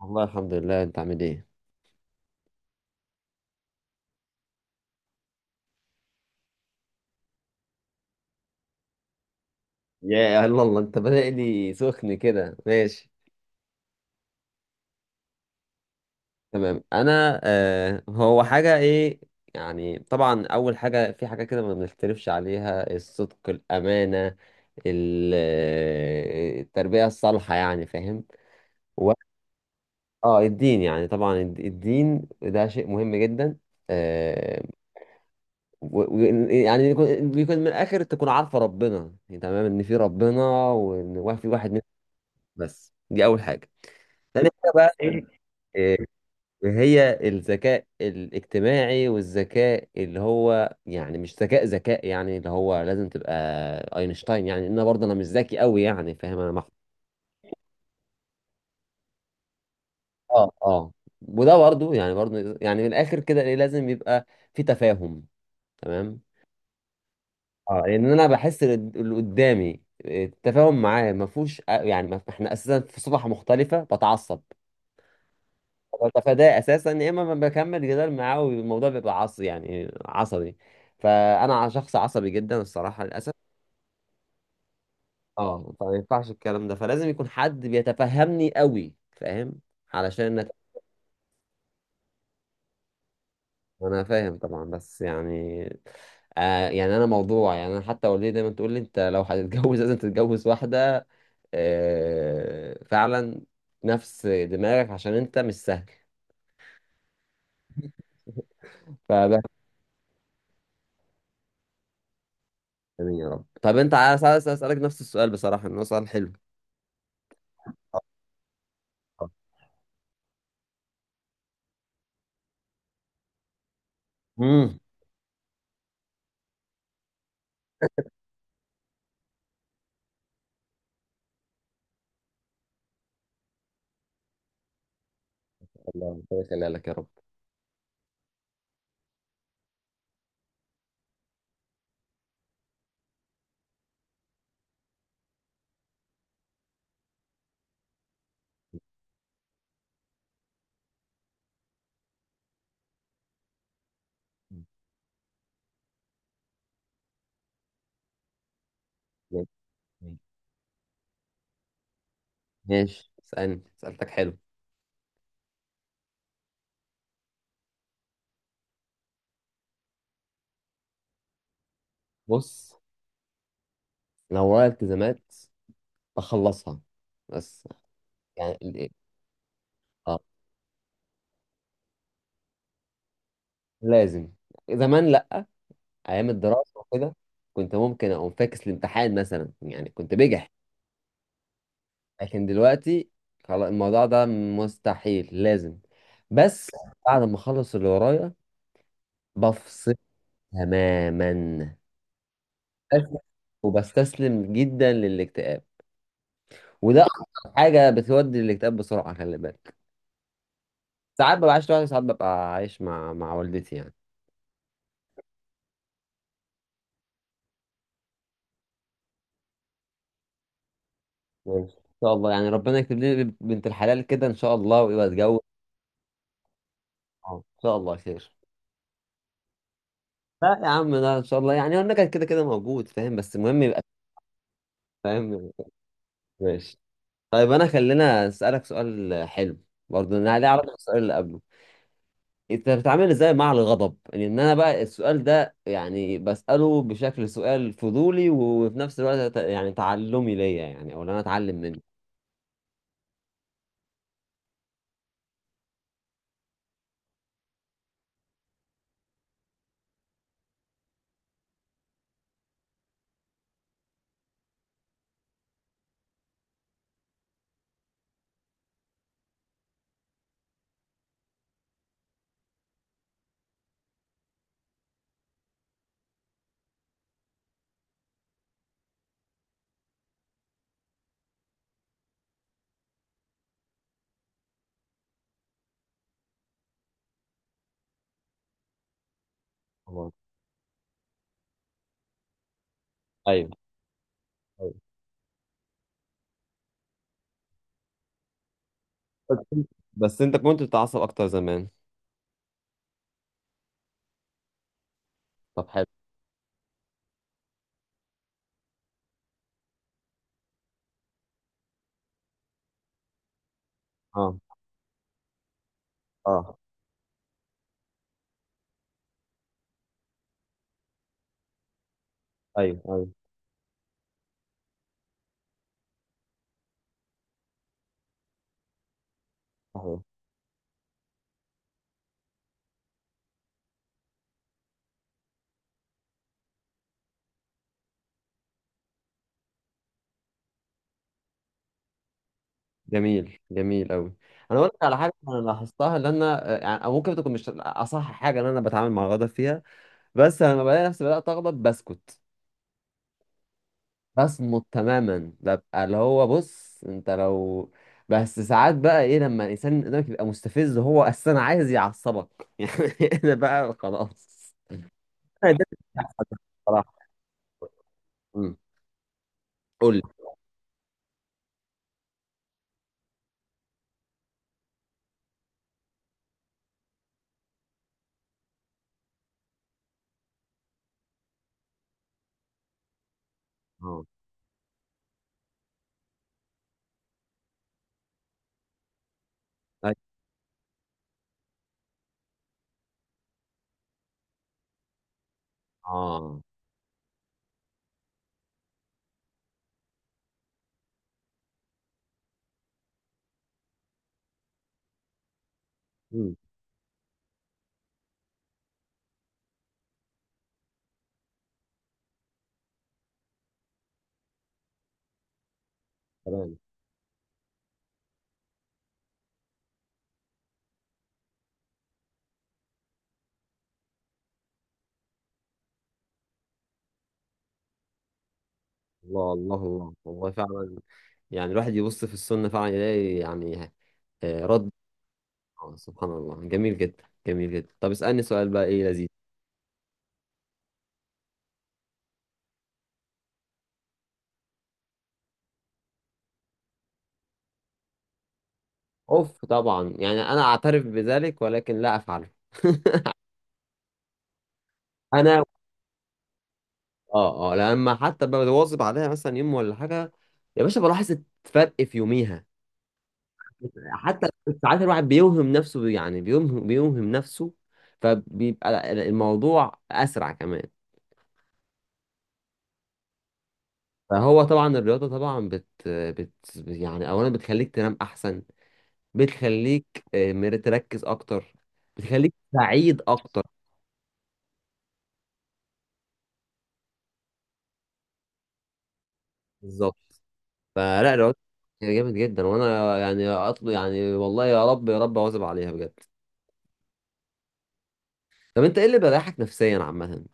والله الحمد لله، انت عامل ايه؟ يا الله الله، انت بادئ لي سخن كده. ماشي تمام. انا هو حاجه ايه؟ يعني طبعا اول حاجه، في حاجه كده ما بنختلفش عليها، الصدق، الامانه، التربيه الصالحه، يعني فاهم. و... اه، الدين يعني طبعا، الدين ده شيء مهم جدا. آه و... و... يعني يكون من الاخر تكون عارفه ربنا، يعني تمام، ان في ربنا وان في واحد منه. بس دي اول حاجه. تاني حاجة بقى ايه؟ إيه، هي الذكاء الاجتماعي، والذكاء اللي هو يعني مش ذكاء، يعني اللي هو لازم تبقى اينشتاين. يعني انا برضه انا مش ذكي قوي يعني، فاهم؟ اه اه. وده برضه يعني، برضه يعني من الاخر كده، ايه لازم يبقى في تفاهم. تمام. اه، لان انا بحس اللي قدامي التفاهم معاه ما فيهوش، يعني ما احنا اساسا في صفحة مختلفة. بتعصب، بتفاداه اساسا، يا اما ما بكمل جدال معاه والموضوع بيبقى عصبي، يعني عصبي. فانا شخص عصبي جدا الصراحه، للاسف. اه، فما ينفعش الكلام ده، فلازم يكون حد بيتفهمني قوي، فاهم؟ علشان نت... انا فاهم طبعا، بس يعني آه، يعني انا موضوع، يعني انا حتى والدتي دايما تقول لي: انت لو هتتجوز لازم تتجوز واحده، آه فعلا، نفس دماغك، عشان انت مش سهل. فبس. آمين يا رب. طب انت عايز اسالك نفس السؤال، بصراحه انه سؤال حلو. امم الله ربنا يخليك يا رب. مم. مم. ماشي، اسألني، سألتك حلو. بص، لو ورايا التزامات، بخلصها بس. يعني ال- إيه؟ اه، لازم. زمان لا، ايام الدراسة وكده كنت ممكن اقوم فاكس الامتحان مثلا، يعني كنت بجح. لكن دلوقتي خلاص، الموضوع ده مستحيل، لازم بس بعد ما اخلص اللي ورايا بفصل تماما. بس- وبستسلم جدا للاكتئاب، وده اكتر حاجه بتودي الاكتئاب بسرعه، خلي بالك. ساعات ببقى عايش لوحدي، ساعات ببقى عايش مع والدتي يعني. ماشي. ان شاء الله، يعني ربنا يكتب لي بنت الحلال كده ان شاء الله ويبقى اتجوز. اه ان شاء الله خير. لا يا عم لا، ان شاء الله. يعني هو النكد كده كده موجود، فاهم، بس المهم يبقى فاهم. ماشي. طيب انا خلينا اسالك سؤال حلو، برضه انا ليه علاقه بالسؤال اللي قبله. انت بتتعامل ازاي مع الغضب؟ يعني ان انا بقى السؤال ده يعني بسأله بشكل سؤال فضولي، وفي نفس الوقت يعني تعلمي ليا، يعني او ان انا اتعلم منه. طبعا. ايوه ايوه. بس انت كنت بتتعصب اكتر زمان. طب حلو. اه اه. ايوه ايوه. صحيح. جميل جميل قوي. انا اقول لك على حاجه انا لاحظتها، لان انا آه، يعني أو ممكن تكون مش اصح حاجه ان انا بتعامل مع الغضب فيها، بس انا لما بلاقي نفسي بدات اغضب بسكت، بصمت تماما، ببقى اللي هو بص انت لو. بس ساعات بقى ايه، لما الانسان اللي قدامك يبقى مستفز، هو اساسا عايز يعصبك يعني انا بقى خلاص. أنا ده بصراحة. امم قول لي. اه. أي- اه. امم تمام. الله الله الله، والله فعلا. يعني الواحد يبص في السنة فعلا يلاقي يعني آه، رد. آه، سبحان الله. جميل جدا جميل جدا. طب اسألني سؤال بقى ايه لذيذ. اوف طبعا، يعني انا اعترف بذلك ولكن لا افعله انا اه اه، لما حتى بواظب عليها مثلا يوم ولا حاجه، يا باشا بلاحظ الفرق في يوميها حتى. ساعات الواحد بيوهم نفسه، يعني بيوهم نفسه، فبيبقى الموضوع اسرع كمان. فهو طبعا الرياضه طبعا بت، يعني اولا بتخليك تنام احسن، بتخليك آه، تركز اكتر، بتخليك سعيد اكتر. بالظبط. فلا الرياضه جامد جدا، وانا يعني اطلب يعني والله يا رب يا رب اواظب عليها بجد. طب انت ايه اللي بيريحك نفسيا عامة؟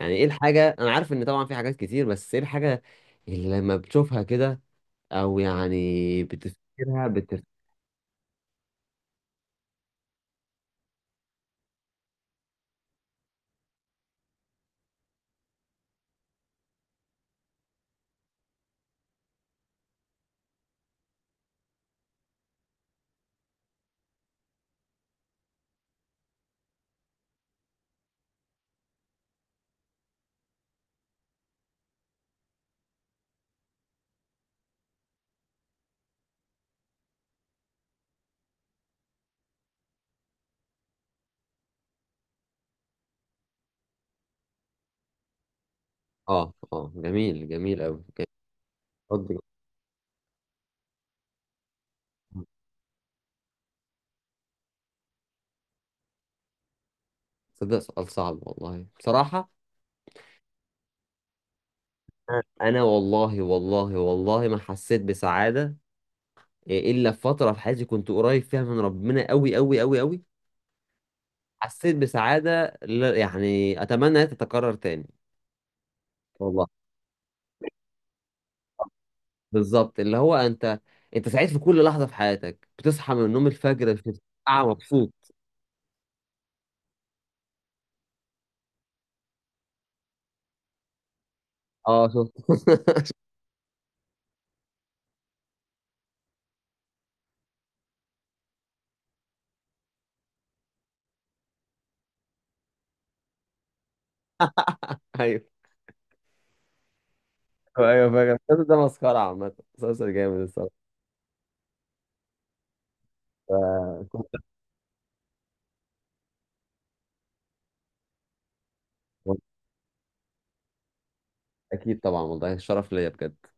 يعني ايه الحاجة، انا عارف ان طبعا في حاجات كتير، بس ايه الحاجة اللي لما بتشوفها كده او يعني بتفتكرها اه اه. جميل جميل اوي جميل. اتفضل. صدق سؤال صعب والله بصراحة. انا والله والله والله ما حسيت بسعادة الا في فترة في حياتي كنت قريب فيها من ربنا اوي اوي اوي اوي. حسيت بسعادة يعني اتمنى انها تتكرر تاني، والله. بالظبط، اللي هو انت، انت سعيد في كل لحظه في حياتك، بتصحى من النوم الفجر بتبقى مبسوط. اه شفت. ايوه ايوه، فاكر المسلسل ده، مسخره عامه، مسلسل جامد الصراحه. ف- اكيد طبعا، والله الشرف ليا بجد.